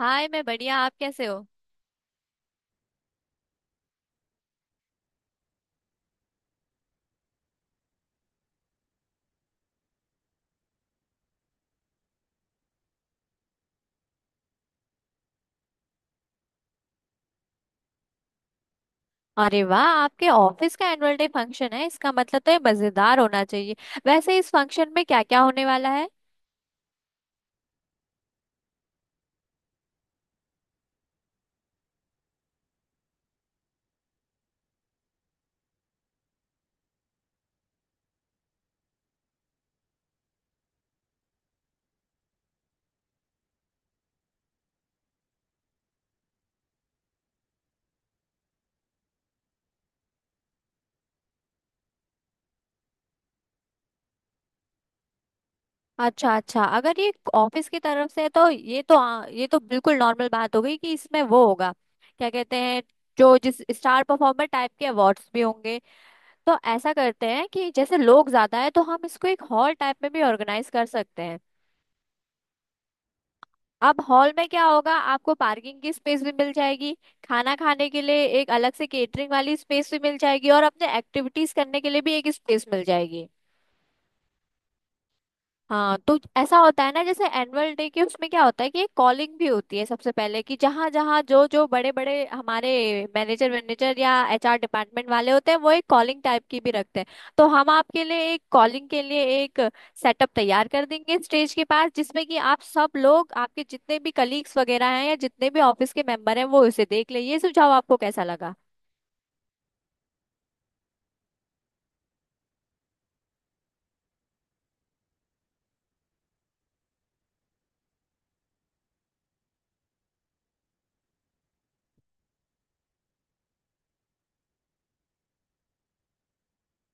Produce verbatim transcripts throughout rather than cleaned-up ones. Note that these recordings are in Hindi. हाय, मैं बढ़िया। आप कैसे हो? अरे वाह, आपके ऑफिस का एनुअल डे फंक्शन है, इसका मतलब तो ये मजेदार होना चाहिए। वैसे इस फंक्शन में क्या क्या होने वाला है? अच्छा अच्छा, अगर ये ऑफिस की तरफ से है तो ये तो आ, ये तो बिल्कुल नॉर्मल बात हो गई कि इसमें वो होगा। क्या कहते हैं, जो जिस स्टार परफॉर्मर टाइप के अवार्ड्स भी होंगे। तो ऐसा करते हैं कि जैसे लोग ज्यादा है तो हम इसको एक हॉल टाइप में भी ऑर्गेनाइज कर सकते हैं। अब हॉल में क्या होगा, आपको पार्किंग की स्पेस भी मिल जाएगी, खाना खाने के लिए एक अलग से केटरिंग वाली स्पेस भी मिल जाएगी, और अपने एक्टिविटीज करने के लिए भी एक स्पेस मिल जाएगी। हाँ, तो ऐसा होता है ना, जैसे एनुअल डे के, उसमें क्या होता है कि एक कॉलिंग भी होती है सबसे पहले, कि जहाँ जहाँ जो जो बड़े बड़े हमारे मैनेजर मैनेजर या एचआर डिपार्टमेंट वाले होते हैं, वो एक कॉलिंग टाइप की भी रखते हैं। तो हम आपके लिए एक कॉलिंग के लिए एक सेटअप तैयार कर देंगे स्टेज के पास, जिसमें कि आप सब लोग, आपके जितने भी कलीग्स वगैरह हैं या जितने भी ऑफिस के मेंबर हैं, वो उसे देख ले। ये सुझाव आपको कैसा लगा?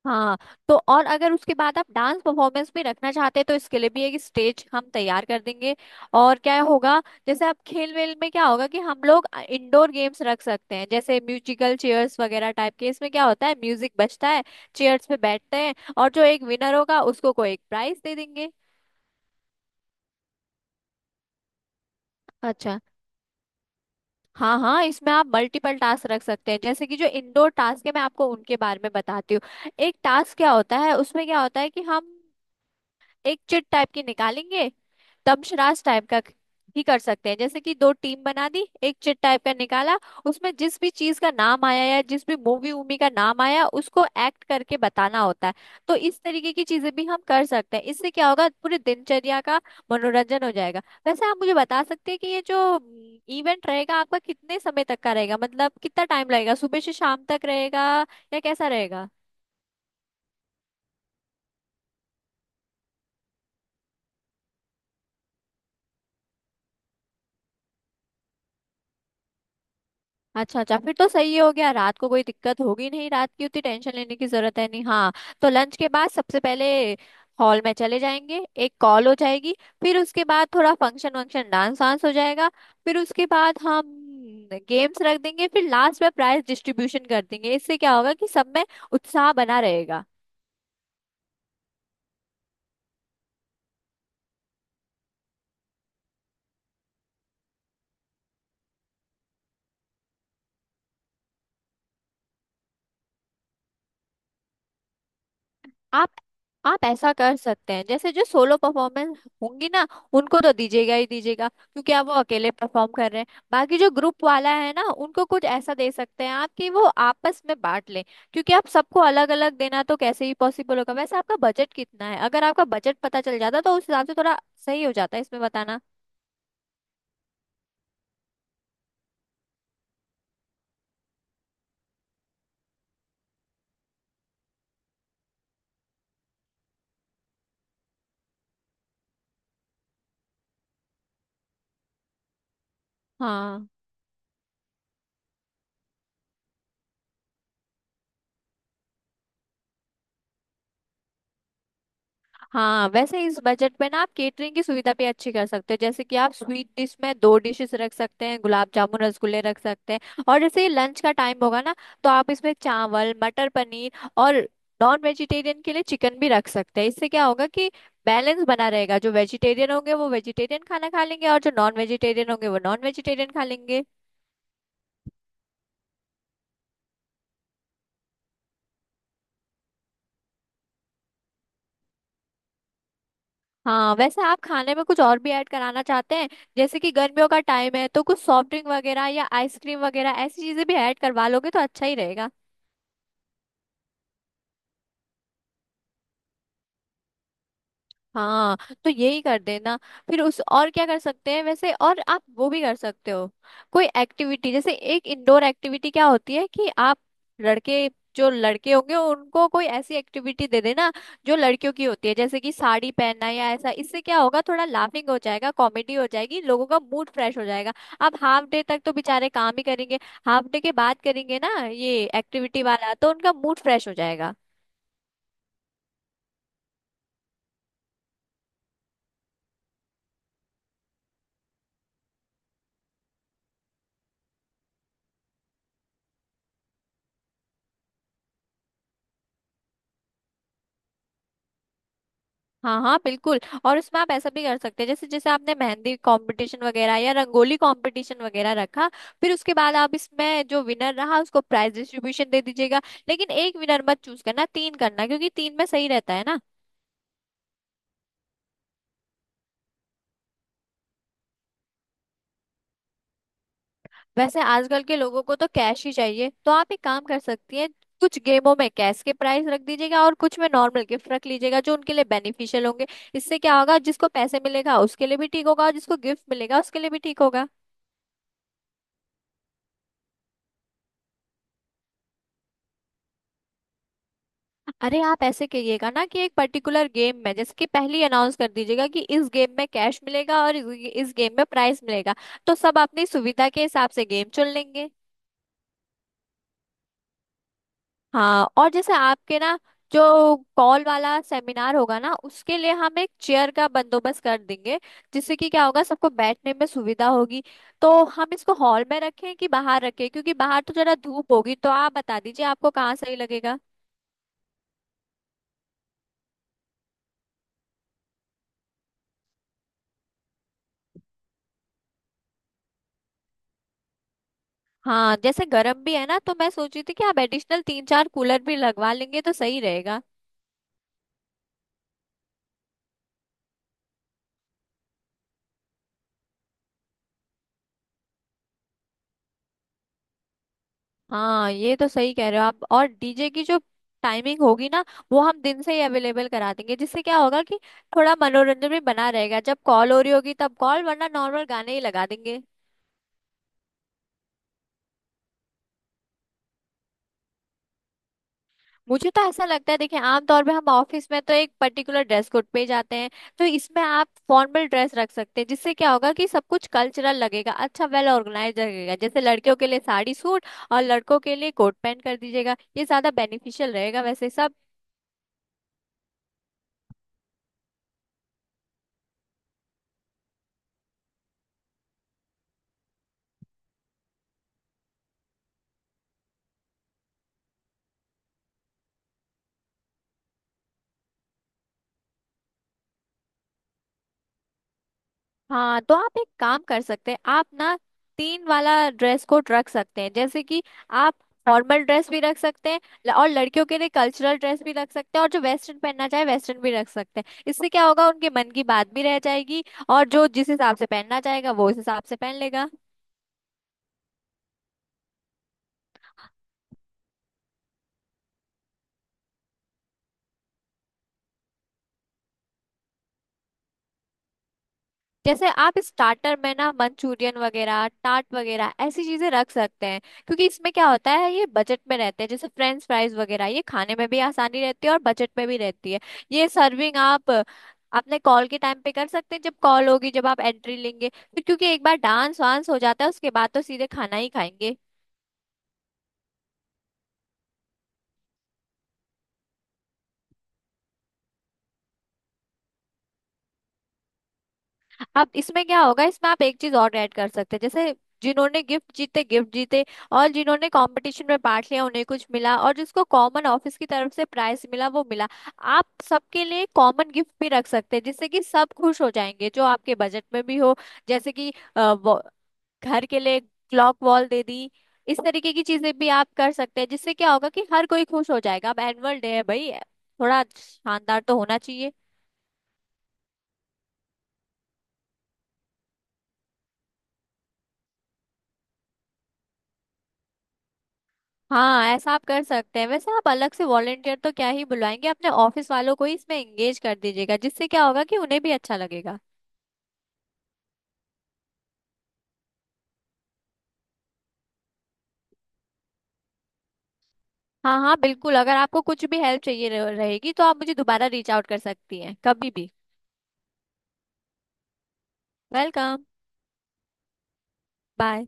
हाँ, तो और अगर उसके बाद आप डांस परफॉर्मेंस भी रखना चाहते हैं तो इसके लिए भी एक स्टेज हम तैयार कर देंगे। और क्या होगा, जैसे आप खेल वेल में क्या होगा कि हम लोग इंडोर गेम्स रख सकते हैं, जैसे म्यूजिकल चेयर्स वगैरह टाइप के। इसमें क्या होता है म्यूजिक बजता है, चेयर्स पे बैठते हैं, और जो एक विनर होगा उसको कोई एक प्राइज दे देंगे। अच्छा, हाँ हाँ, इसमें आप मल्टीपल टास्क रख सकते हैं, जैसे कि जो इंडोर टास्क है मैं आपको उनके बारे में बताती हूँ। एक टास्क क्या होता है, उसमें क्या होता है कि हम एक चिट टाइप की निकालेंगे, दमशराज टाइप का ही कर सकते हैं। जैसे कि दो टीम बना दी, एक चिट टाइप का निकाला, उसमें जिस भी चीज का नाम आया या जिस भी मूवी वूवी का नाम आया उसको एक्ट करके बताना होता है। तो इस तरीके की चीजें भी हम कर सकते हैं, इससे क्या होगा पूरी दिनचर्या का मनोरंजन हो जाएगा। वैसे आप मुझे बता सकते हैं कि ये जो इवेंट रहेगा आपका कितने समय तक का रहेगा, मतलब कितना टाइम लगेगा, सुबह से शाम तक रहेगा या कैसा रहेगा? अच्छा अच्छा, फिर तो सही हो गया, रात को कोई दिक्कत होगी नहीं, रात की उतनी टेंशन लेने की जरूरत है नहीं। हाँ, तो लंच के बाद सबसे पहले हॉल में चले जाएंगे, एक कॉल हो जाएगी, फिर उसके बाद थोड़ा फंक्शन वंक्शन डांस वांस हो जाएगा, फिर उसके बाद हम गेम्स रख देंगे, फिर लास्ट में प्राइज डिस्ट्रीब्यूशन कर देंगे। इससे क्या होगा कि सब में उत्साह बना रहेगा। आप आप ऐसा कर सकते हैं, जैसे जो सोलो परफॉर्मेंस होंगी ना, उनको तो दीजिएगा ही दीजिएगा, क्योंकि आप वो अकेले परफॉर्म कर रहे हैं। बाकी जो ग्रुप वाला है ना, उनको कुछ ऐसा दे सकते हैं आप कि वो आपस में बांट लें। क्योंकि आप सबको अलग अलग देना तो कैसे ही पॉसिबल होगा। वैसे आपका बजट कितना है? अगर आपका बजट पता चल जाता तो उस हिसाब से थोड़ा सही हो जाता है इसमें बताना। हाँ हाँ, वैसे इस बजट में ना आप केटरिंग की सुविधा भी अच्छी कर सकते हो, जैसे कि आप स्वीट डिश में दो डिशेस रख सकते हैं, गुलाब जामुन रसगुल्ले रख सकते हैं, और जैसे ये लंच का टाइम होगा ना, तो आप इसमें चावल मटर पनीर और नॉन वेजिटेरियन के लिए चिकन भी रख सकते हैं। इससे क्या होगा कि बैलेंस बना रहेगा, जो वेजिटेरियन होंगे वो वेजिटेरियन खाना खा लेंगे और जो नॉन वेजिटेरियन होंगे वो नॉन वेजिटेरियन खा लेंगे। हाँ, वैसे आप खाने में कुछ और भी ऐड कराना चाहते हैं, जैसे कि गर्मियों का टाइम है तो कुछ सॉफ्ट ड्रिंक वगैरह या आइसक्रीम वगैरह ऐसी चीजें भी ऐड करवा लोगे तो अच्छा ही रहेगा। हाँ, तो यही कर देना। फिर उस, और क्या कर सकते हैं वैसे, और आप वो भी कर सकते हो कोई एक्टिविटी। जैसे एक इंडोर एक्टिविटी क्या होती है कि आप लड़के, जो लड़के होंगे उनको कोई ऐसी एक्टिविटी दे देना जो लड़कियों की होती है, जैसे कि साड़ी पहनना या ऐसा। इससे क्या होगा, थोड़ा लाफिंग हो जाएगा, कॉमेडी हो जाएगी, लोगों का मूड फ्रेश हो जाएगा। अब हाफ डे तक तो बेचारे काम ही करेंगे, हाफ डे के बाद करेंगे ना ये एक्टिविटी वाला, तो उनका मूड फ्रेश हो जाएगा। हाँ हाँ बिल्कुल, और उसमें आप ऐसा भी कर सकते हैं, जैसे जैसे आपने मेहंदी कंपटीशन वगैरह या रंगोली कंपटीशन वगैरह रखा, फिर उसके बाद आप इसमें जो विनर रहा उसको प्राइज डिस्ट्रीब्यूशन दे दीजिएगा। लेकिन एक विनर मत चूज करना, तीन करना, क्योंकि तीन में सही रहता है ना। वैसे आजकल के लोगों को तो कैश ही चाहिए, तो आप एक काम कर सकती हैं, कुछ गेमों में कैश के प्राइस रख दीजिएगा और कुछ में नॉर्मल गिफ्ट रख लीजिएगा जो उनके लिए बेनिफिशियल होंगे। इससे क्या होगा, जिसको पैसे मिलेगा उसके लिए भी ठीक होगा और जिसको गिफ्ट मिलेगा उसके लिए भी ठीक होगा। अरे, आप ऐसे करिएगा ना कि एक पर्टिकुलर गेम में, जैसे कि पहले ही अनाउंस कर दीजिएगा कि इस गेम में कैश मिलेगा और इस इस गेम में प्राइस मिलेगा। तो सब अपनी सुविधा के हिसाब से गेम चुन लेंगे। हाँ, और जैसे आपके ना जो कॉल वाला सेमिनार होगा ना, उसके लिए हम एक चेयर का बंदोबस्त कर देंगे, जिससे कि क्या होगा सबको बैठने में सुविधा होगी। तो हम इसको हॉल में रखें कि बाहर रखें, क्योंकि बाहर तो जरा धूप होगी, तो आप बता दीजिए आपको कहाँ सही लगेगा। हाँ, जैसे गर्म भी है ना, तो मैं सोच रही थी कि आप एडिशनल तीन चार कूलर भी लगवा लेंगे तो सही रहेगा। हाँ, ये तो सही कह रहे हो आप। और डीजे की जो टाइमिंग होगी ना, वो हम दिन से ही अवेलेबल करा देंगे, जिससे क्या होगा कि थोड़ा मनोरंजन भी बना रहेगा। जब कॉल हो रही होगी तब कॉल, वरना नॉर्मल गाने ही लगा देंगे। मुझे तो ऐसा लगता है, देखिए आमतौर पे हम ऑफिस में तो एक पर्टिकुलर ड्रेस कोड पे ही जाते हैं, तो इसमें आप फॉर्मल ड्रेस रख सकते हैं, जिससे क्या होगा कि सब कुछ कल्चरल लगेगा, अच्छा वेल ऑर्गेनाइज लगेगा। जैसे लड़कियों के लिए साड़ी सूट और लड़कों के लिए कोट पैंट कर दीजिएगा, ये ज्यादा बेनिफिशियल रहेगा वैसे सब। हाँ, तो आप एक काम कर सकते हैं, आप ना तीन वाला ड्रेस कोड रख सकते हैं, जैसे कि आप फॉर्मल ड्रेस भी रख सकते हैं, ल- और लड़कियों के लिए कल्चरल ड्रेस भी रख सकते हैं, और जो वेस्टर्न पहनना चाहे वेस्टर्न भी रख सकते हैं। इससे क्या होगा उनके मन की बात भी रह जाएगी, और जो जिस हिसाब से पहनना चाहेगा वो उस हिसाब से पहन लेगा। जैसे आप स्टार्टर में ना मंचूरियन वगैरह टाट वगैरह ऐसी चीजें रख सकते हैं, क्योंकि इसमें क्या होता है ये बजट में रहते हैं, जैसे फ्रेंच फ्राइज वगैरह, ये खाने में भी आसानी रहती है और बजट में भी रहती है। ये सर्विंग आप अपने कॉल के टाइम पे कर सकते हैं, जब कॉल होगी, जब आप एंट्री लेंगे। फिर क्योंकि एक बार डांस वांस हो जाता है उसके बाद तो सीधे खाना ही खाएंगे। अब इसमें क्या होगा, इसमें आप एक चीज और ऐड कर सकते हैं, जैसे जिन्होंने गिफ्ट जीते गिफ्ट जीते और जिन्होंने कंपटीशन में पार्ट लिया उन्हें कुछ मिला, और जिसको कॉमन ऑफिस की तरफ से प्राइस मिला वो मिला। आप सबके लिए कॉमन गिफ्ट भी रख सकते हैं, जिससे कि सब खुश हो जाएंगे, जो आपके बजट में भी हो। जैसे कि अ, वो- घर के लिए क्लॉक वॉल दे दी। इस तरीके की चीजें भी आप कर सकते हैं, जिससे क्या होगा कि हर कोई खुश हो जाएगा। अब एनुअल डे है भाई, थोड़ा शानदार तो होना चाहिए। हाँ, ऐसा आप कर सकते हैं। वैसे आप अलग से वॉलेंटियर तो क्या ही बुलवाएंगे, अपने ऑफिस वालों को ही इसमें एंगेज कर दीजिएगा, जिससे क्या होगा कि उन्हें भी अच्छा लगेगा। हाँ हाँ बिल्कुल, अगर आपको कुछ भी हेल्प चाहिए रह- रहेगी तो आप मुझे दोबारा रीच आउट कर सकती हैं कभी भी। वेलकम। बाय।